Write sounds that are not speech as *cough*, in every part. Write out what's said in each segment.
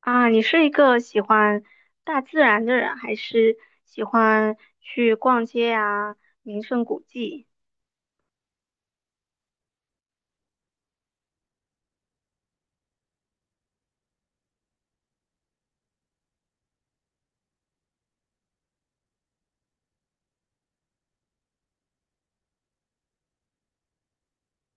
啊，你是一个喜欢大自然的人，还是喜欢去逛街啊，名胜古迹？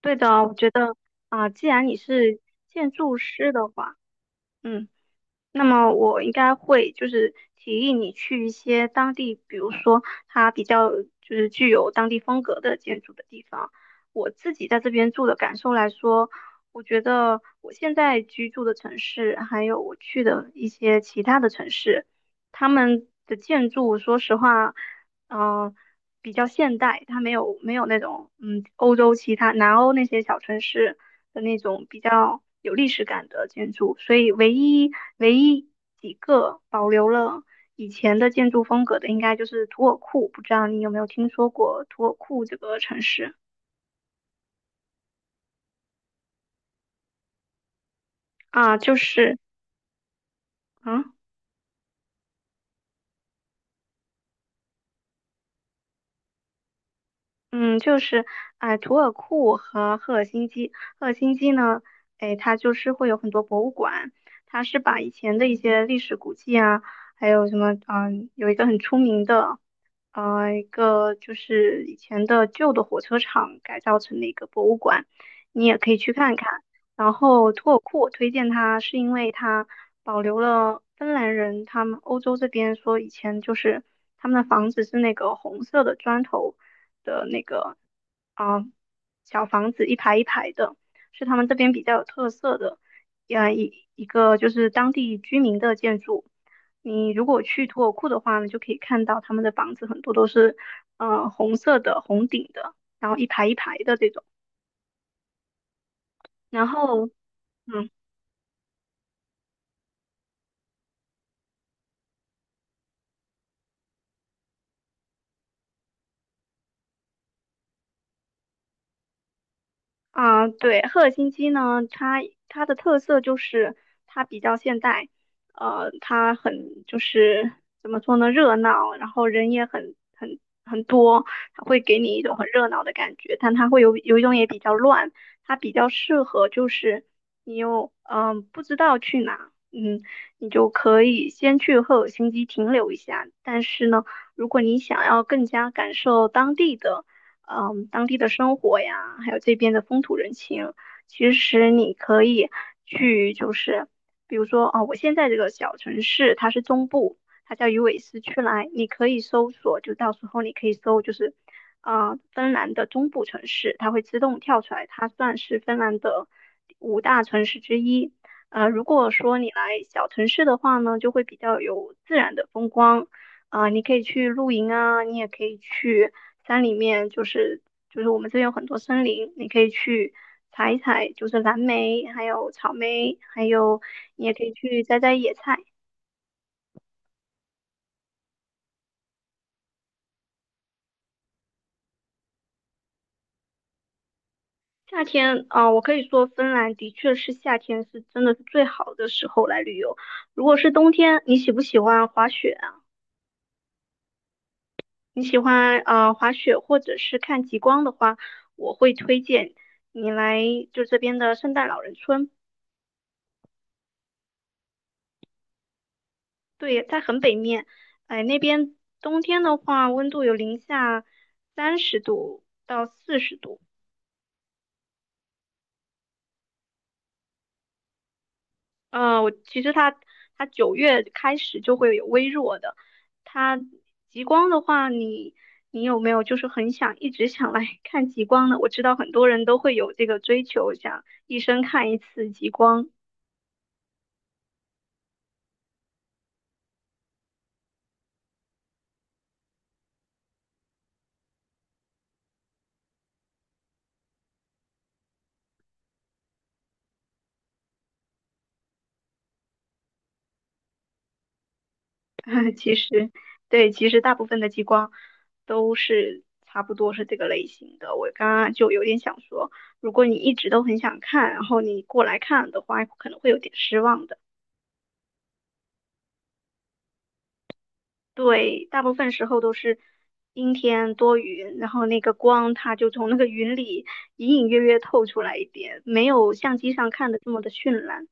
对的哦，我觉得啊，既然你是建筑师的话，嗯。那么我应该会就是提议你去一些当地，比如说它比较就是具有当地风格的建筑的地方。我自己在这边住的感受来说，我觉得我现在居住的城市，还有我去的一些其他的城市，他们的建筑，说实话，嗯、比较现代，它没有那种欧洲其他南欧那些小城市的那种比较有历史感的建筑，所以唯一几个保留了以前的建筑风格的，应该就是土尔库。不知道你有没有听说过土尔库这个城市啊？就是。嗯嗯，就是图尔库和赫尔辛基。赫尔辛基呢，哎，它就是会有很多博物馆，它是把以前的一些历史古迹啊，还有什么，有一个很出名的，一个就是以前的旧的火车厂改造成的一个博物馆，你也可以去看看。然后图尔库我推荐它，是因为它保留了芬兰人他们欧洲这边说以前就是他们的房子是那个红色的砖头的那个，啊、小房子一排一排的，是他们这边比较有特色的，一个就是当地居民的建筑。你如果去图尔库的话呢，就可以看到他们的房子很多都是红色的红顶的，然后一排一排的这种，然后。嗯。啊，对，赫尔辛基呢，它的特色就是它比较现代，它很就是怎么说呢，热闹，然后人也很多，它会给你一种很热闹的感觉，但它会有一种也比较乱，它比较适合就是你又不知道去哪，你就可以先去赫尔辛基停留一下，但是呢，如果你想要更加感受当地的。当地的生活呀，还有这边的风土人情，其实你可以去，就是比如说，哦，我现在这个小城市它是中部，它叫鱼尾狮区来，你可以搜索，就到时候你可以搜，就是芬兰的中部城市，它会自动跳出来，它算是芬兰的五大城市之一。如果说你来小城市的话呢，就会比较有自然的风光。你可以去露营啊，你也可以去山里面，就是我们这边有很多森林，你可以去采一采，就是蓝莓，还有草莓，还有你也可以去摘摘野菜。夏天我可以说芬兰的确是夏天是真的是最好的时候来旅游。如果是冬天，你喜不喜欢滑雪啊？你喜欢滑雪或者是看极光的话，我会推荐你来就这边的圣诞老人村。对，在很北面，哎，那边冬天的话，温度有零下30度到40度。我其实它9月开始就会有微弱的。它极光的话，你有没有就是很想一直想来 *laughs* 看极光呢？我知道很多人都会有这个追求，想一生看一次极光。*laughs* 其实，对，其实大部分的激光都是差不多是这个类型的。我刚刚就有点想说，如果你一直都很想看，然后你过来看的话，可能会有点失望的。对，大部分时候都是阴天多云，然后那个光它就从那个云里隐隐约约透出来一点，没有相机上看的这么的绚烂。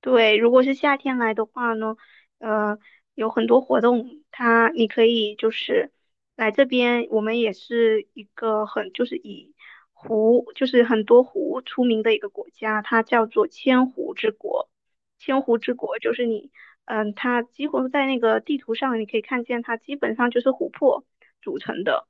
对，如果是夏天来的话呢，呃，有很多活动，它你可以就是来这边，我们也是一个很就是以湖就是很多湖出名的一个国家，它叫做千湖之国。千湖之国就是你，它几乎在那个地图上你可以看见，它基本上就是湖泊组成的。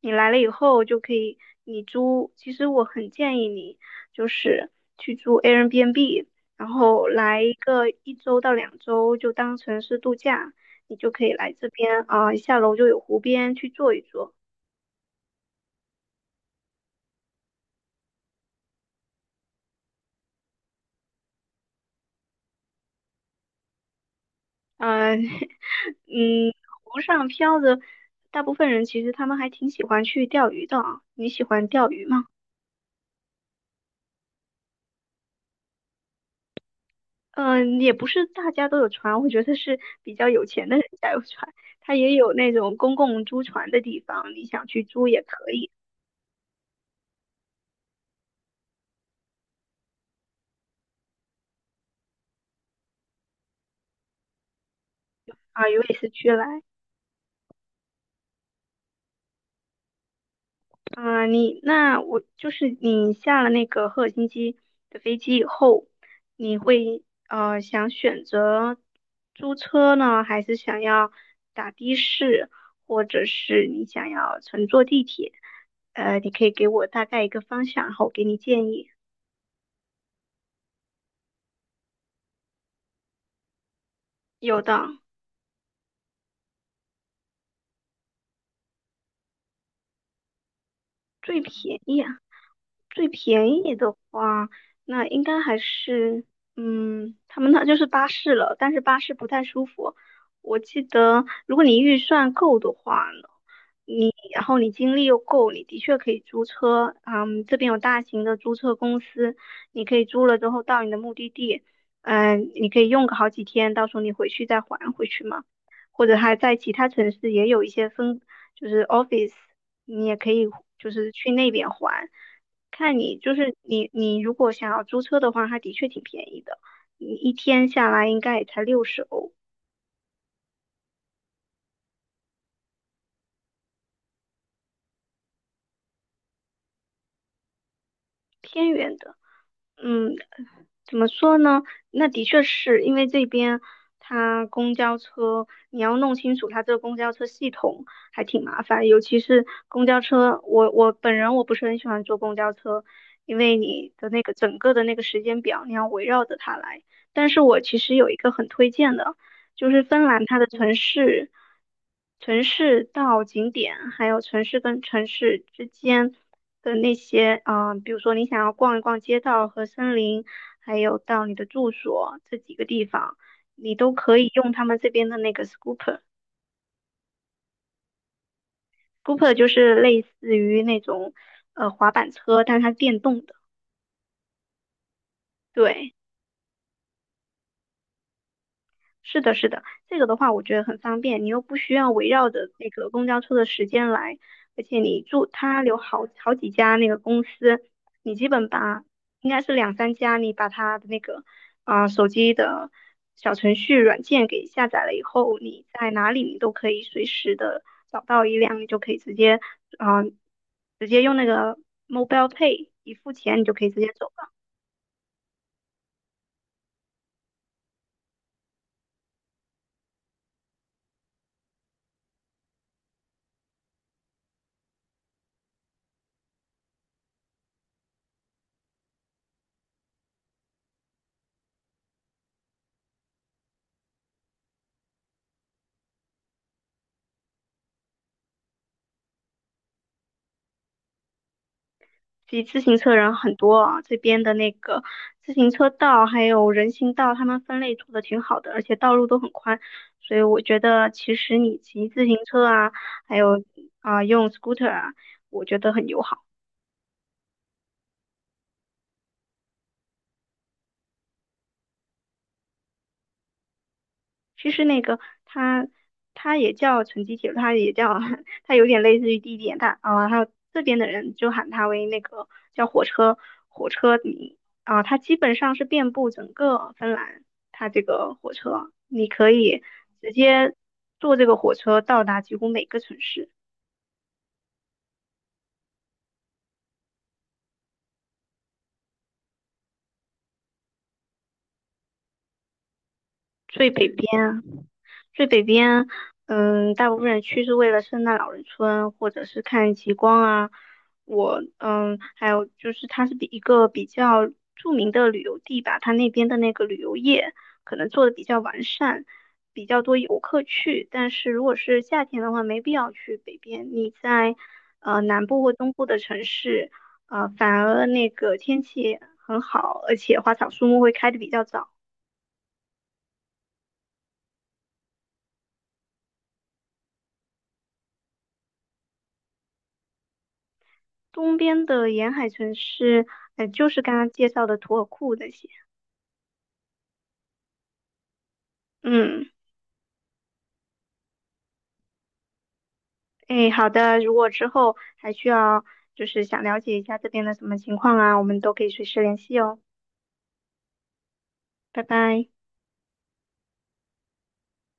你来了以后就可以，你租，其实我很建议你就是去租 Airbnb，然后来一个1周到2周，就当成是度假，你就可以来这边下楼就有湖边去坐一坐，嗯、*laughs* 嗯，湖上漂着，大部分人其实他们还挺喜欢去钓鱼的啊，你喜欢钓鱼吗？嗯，也不是大家都有船，我觉得是比较有钱的人家有船，它也有那种公共租船的地方，你想去租也可以啊，有也是去来。啊，你那我就是你下了那个赫尔辛基的飞机以后，你会想选择租车呢，还是想要打的士，或者是你想要乘坐地铁？你可以给我大概一个方向，然后我给你建议。有的，最便宜。啊。最便宜的话，那应该还是，他们那就是巴士了，但是巴士不太舒服。我记得，如果你预算够的话呢，然后你精力又够，你的确可以租车。嗯，这边有大型的租车公司，你可以租了之后到你的目的地，嗯，你可以用个好几天，到时候你回去再还回去嘛。或者还在其他城市也有一些分，就是 office，你也可以就是去那边还。看你就是你如果想要租车的话，它的确挺便宜的，你一天下来应该也才60欧，偏远的。嗯，怎么说呢？那的确是因为这边它公交车，你要弄清楚它这个公交车系统还挺麻烦，尤其是公交车，我本人我不是很喜欢坐公交车，因为你的那个整个的那个时间表，你要围绕着它来。但是我其实有一个很推荐的，就是芬兰它的城市，城市到景点，还有城市跟城市之间的那些，啊，比如说你想要逛一逛街道和森林，还有到你的住所这几个地方，你都可以用他们这边的那个 scooper。scooper 就是类似于那种滑板车，但是它是电动的。对。是的，是的，这个的话我觉得很方便，你又不需要围绕着那个公交车的时间来，而且你住它有好几家那个公司，你基本把应该是两三家，你把它的那个手机的小程序软件给下载了以后，你在哪里你都可以随时的找到一辆，你就可以啊、呃直接用那个 Mobile Pay 一付钱，你就可以直接走。骑自行车人很多啊，这边的那个自行车道还有人行道，他们分类做的挺好的，而且道路都很宽，所以我觉得其实你骑自行车啊，还有用 scooter 啊，我觉得很友好。其实那个它也叫城际铁路，它也叫 *laughs* 它有点类似于地铁，但还有这边的人就喊它为那个叫火车迷它基本上是遍布整个芬兰，它这个火车你可以直接坐这个火车到达几乎每个城市。最北边啊最北边，大部分人去是为了圣诞老人村或者是看极光啊。还有就是它是一个比较著名的旅游地吧，它那边的那个旅游业可能做的比较完善，比较多游客去。但是如果是夏天的话，没必要去北边。你在南部或东部的城市，反而那个天气很好，而且花草树木会开的比较早。东边的沿海城市，就是刚刚介绍的图尔库那些。嗯，哎，好的，如果之后还需要就是想了解一下这边的什么情况啊，我们都可以随时联系哦。拜拜。